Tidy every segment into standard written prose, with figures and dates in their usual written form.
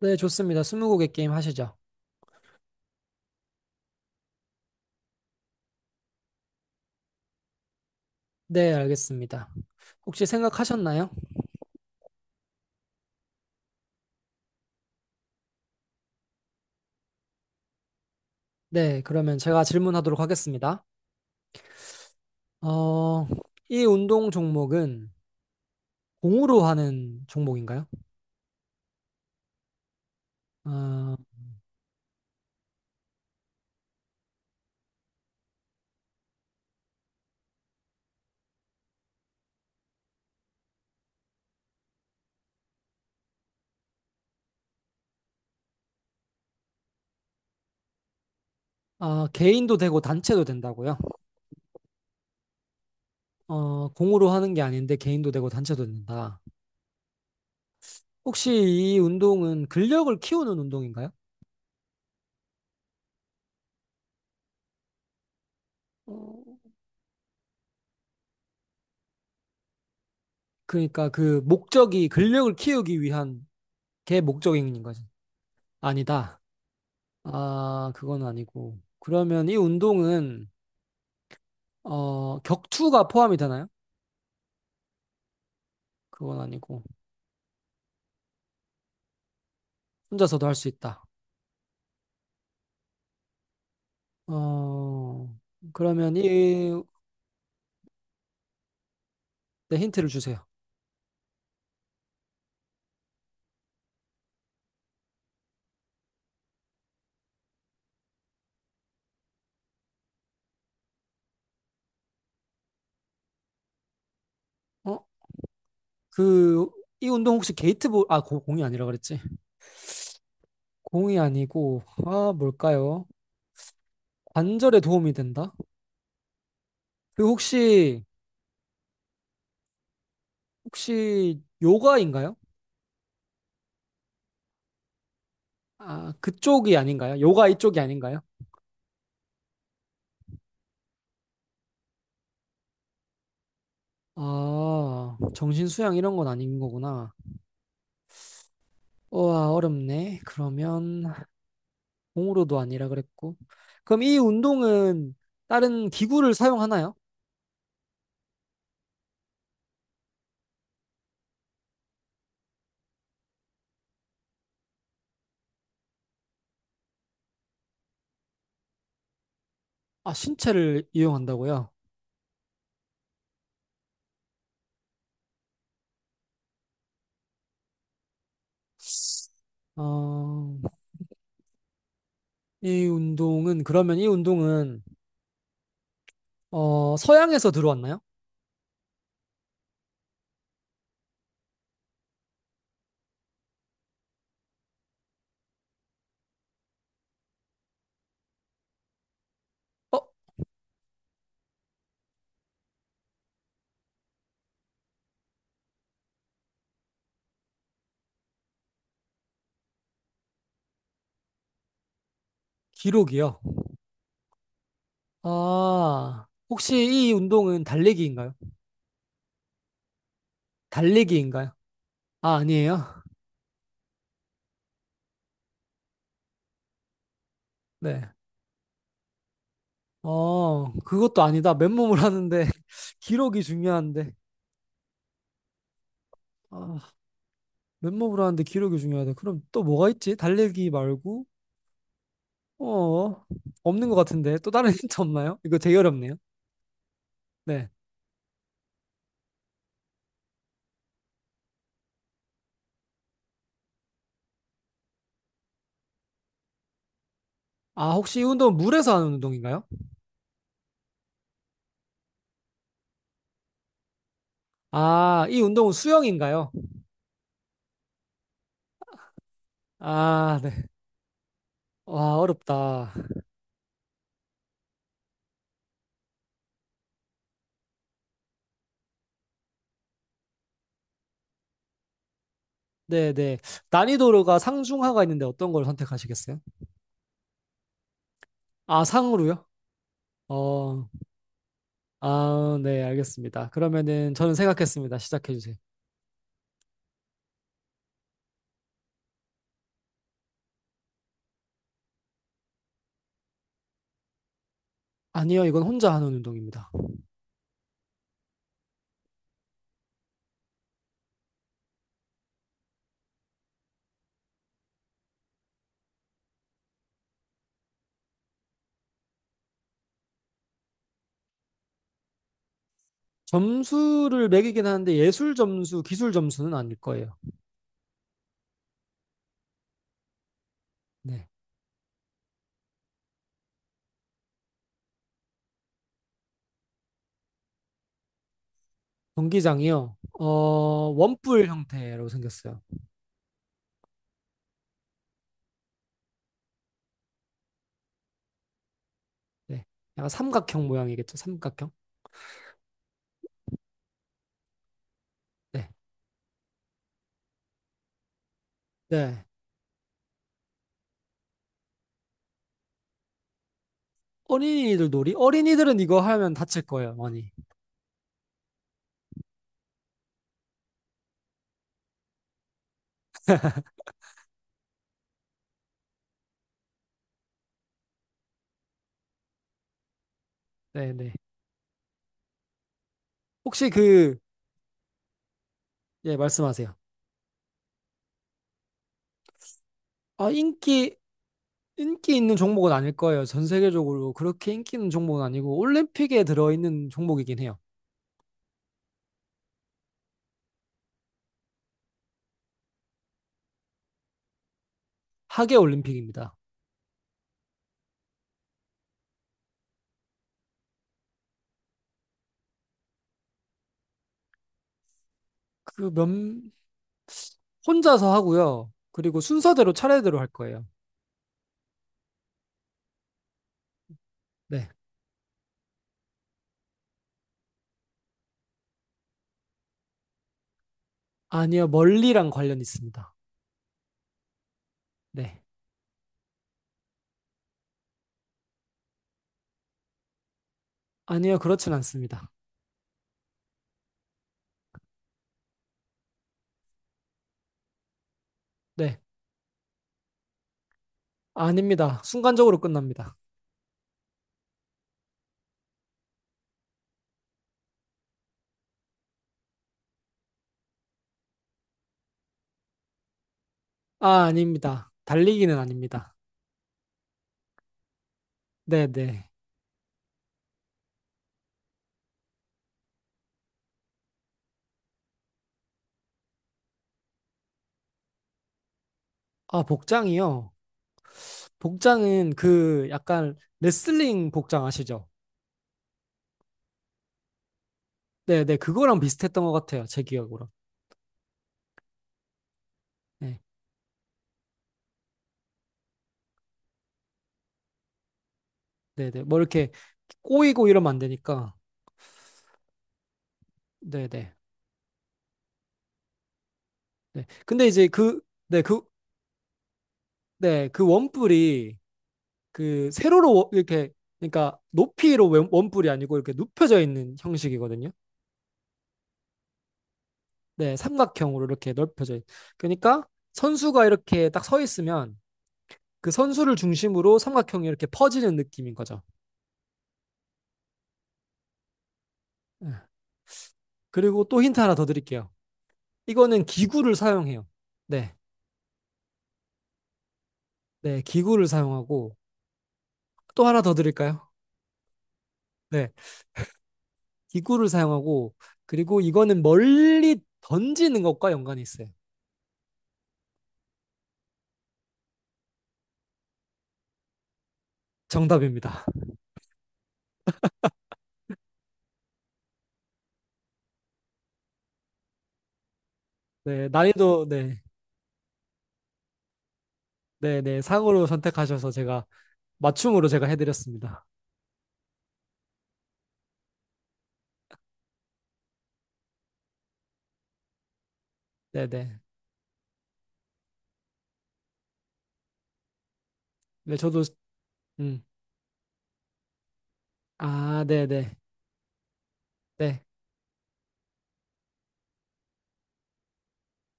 네, 좋습니다. 스무고개 게임 하시죠. 네, 알겠습니다. 혹시 생각하셨나요? 네, 그러면 제가 질문하도록 하겠습니다. 어, 이 운동 종목은 공으로 하는 종목인가요? 어, 아, 개인도 되고 단체도 된다고요? 공으로 하는 게 아닌데 개인도 되고 단체도 된다. 혹시 이 운동은 근력을 키우는 운동인가요? 어, 그러니까 그 목적이 근력을 키우기 위한 게 목적인 거지. 아니다. 아, 그건 아니고. 그러면 이 운동은, 격투가 포함이 되나요? 그건 아니고. 혼자서도 할 수 있다. 어, 그러면 이, 네, 힌트를 주세요. 어, 그, 이 운동 혹시 게이트볼, 아, 공이 아니라 그랬지. 공이 아니고, 아, 뭘까요? 관절에 도움이 된다? 그 혹시, 혹시 요가인가요? 아, 그쪽이 아닌가요? 요가 이쪽이 아닌가요? 아, 정신 수양 이런 건 아닌 거구나. 우와, 어렵네. 그러면 공으로도 아니라 그랬고. 그럼 이 운동은 다른 기구를 사용하나요? 아, 신체를 이용한다고요? 어, 이 운동은, 그러면 이 운동은, 서양에서 들어왔나요? 어, 기록이요. 아, 혹시 이 운동은 달리기인가요? 달리기인가요? 아, 아니에요? 네. 어, 그것도 아니다. 맨몸을 하는데, 기록이 중요한데. 아, 맨몸으로 하는데 기록이 중요하다. 그럼 또 뭐가 있지? 달리기 말고? 어, 없는 것 같은데. 또 다른 힌트 없나요? 이거 되게 어렵네요. 네. 아, 혹시 이 운동은 물에서 하는 운동인가요? 아, 이 운동은 수영인가요? 아, 네. 와, 어렵다. 네, 네. 난이도가 상중하가 있는데 어떤 걸 선택하시겠어요? 아, 상으로요? 어, 아, 네, 알겠습니다. 그러면은 저는 생각했습니다. 시작해주세요. 아니요, 이건 혼자 하는 운동입니다. 점수를 매기긴 하는데 예술 점수, 기술 점수는 아닐 거예요. 네. 경기장이요. 원뿔 형태로 생겼어요. 네. 약간 삼각형 모양이겠죠. 삼각형. 네. 네. 어린이들 놀이? 어린이들은 이거 하면 다칠 거예요, 많이. 네, 네. 혹시 그, 예, 말씀하세요. 아, 인기, 인기 있는 종목은 아닐 거예요. 전 세계적으로 그렇게 인기 있는 종목은 아니고 올림픽에 들어있는 종목이긴 해요. 하계 올림픽입니다. 그 몇, 혼자서 하고요. 그리고 순서대로 차례대로 할 거예요. 네. 아니요, 멀리랑 관련 있습니다. 네. 아니요, 그렇진 않습니다. 네, 아닙니다. 순간적으로 끝납니다. 아, 아닙니다. 달리기는 아닙니다. 네, 네. 아, 복장이요. 복장은 그 약간 레슬링 복장 아시죠? 네, 네. 그거랑 비슷했던 것 같아요. 제 기억으로. 네, 네, 네. 뭐 이렇게 꼬이고 이러면 안 되니까. 네, 네. 네. 근데 이제 그, 네, 그, 네, 그 원뿔이 그 세로로 이렇게, 그러니까 높이로 원뿔이 아니고 이렇게 눕혀져 있는 형식이거든요. 네, 삼각형으로 이렇게 넓혀져 있. 그러니까 선수가 이렇게 딱 서 있으면 그 선수를 중심으로 삼각형이 이렇게 퍼지는 느낌인 거죠. 예. 그리고 또 힌트 하나 더 드릴게요. 이거는 기구를 사용해요. 네, 네, 기구를 사용하고 또 하나 더 드릴까요? 네, 기구를 사용하고 그리고 이거는 멀리 던지는 것과 연관이 있어요. 정답입니다. 네, 난이도 네, 네, 네 상으로 선택하셔서 제가 맞춤으로 제가 해드렸습니다. 네, 네, 네, 저도 음. 아, 네네. 네.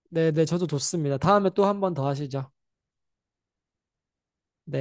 네네. 저도 좋습니다. 다음에 또 한 번 더 하시죠. 네.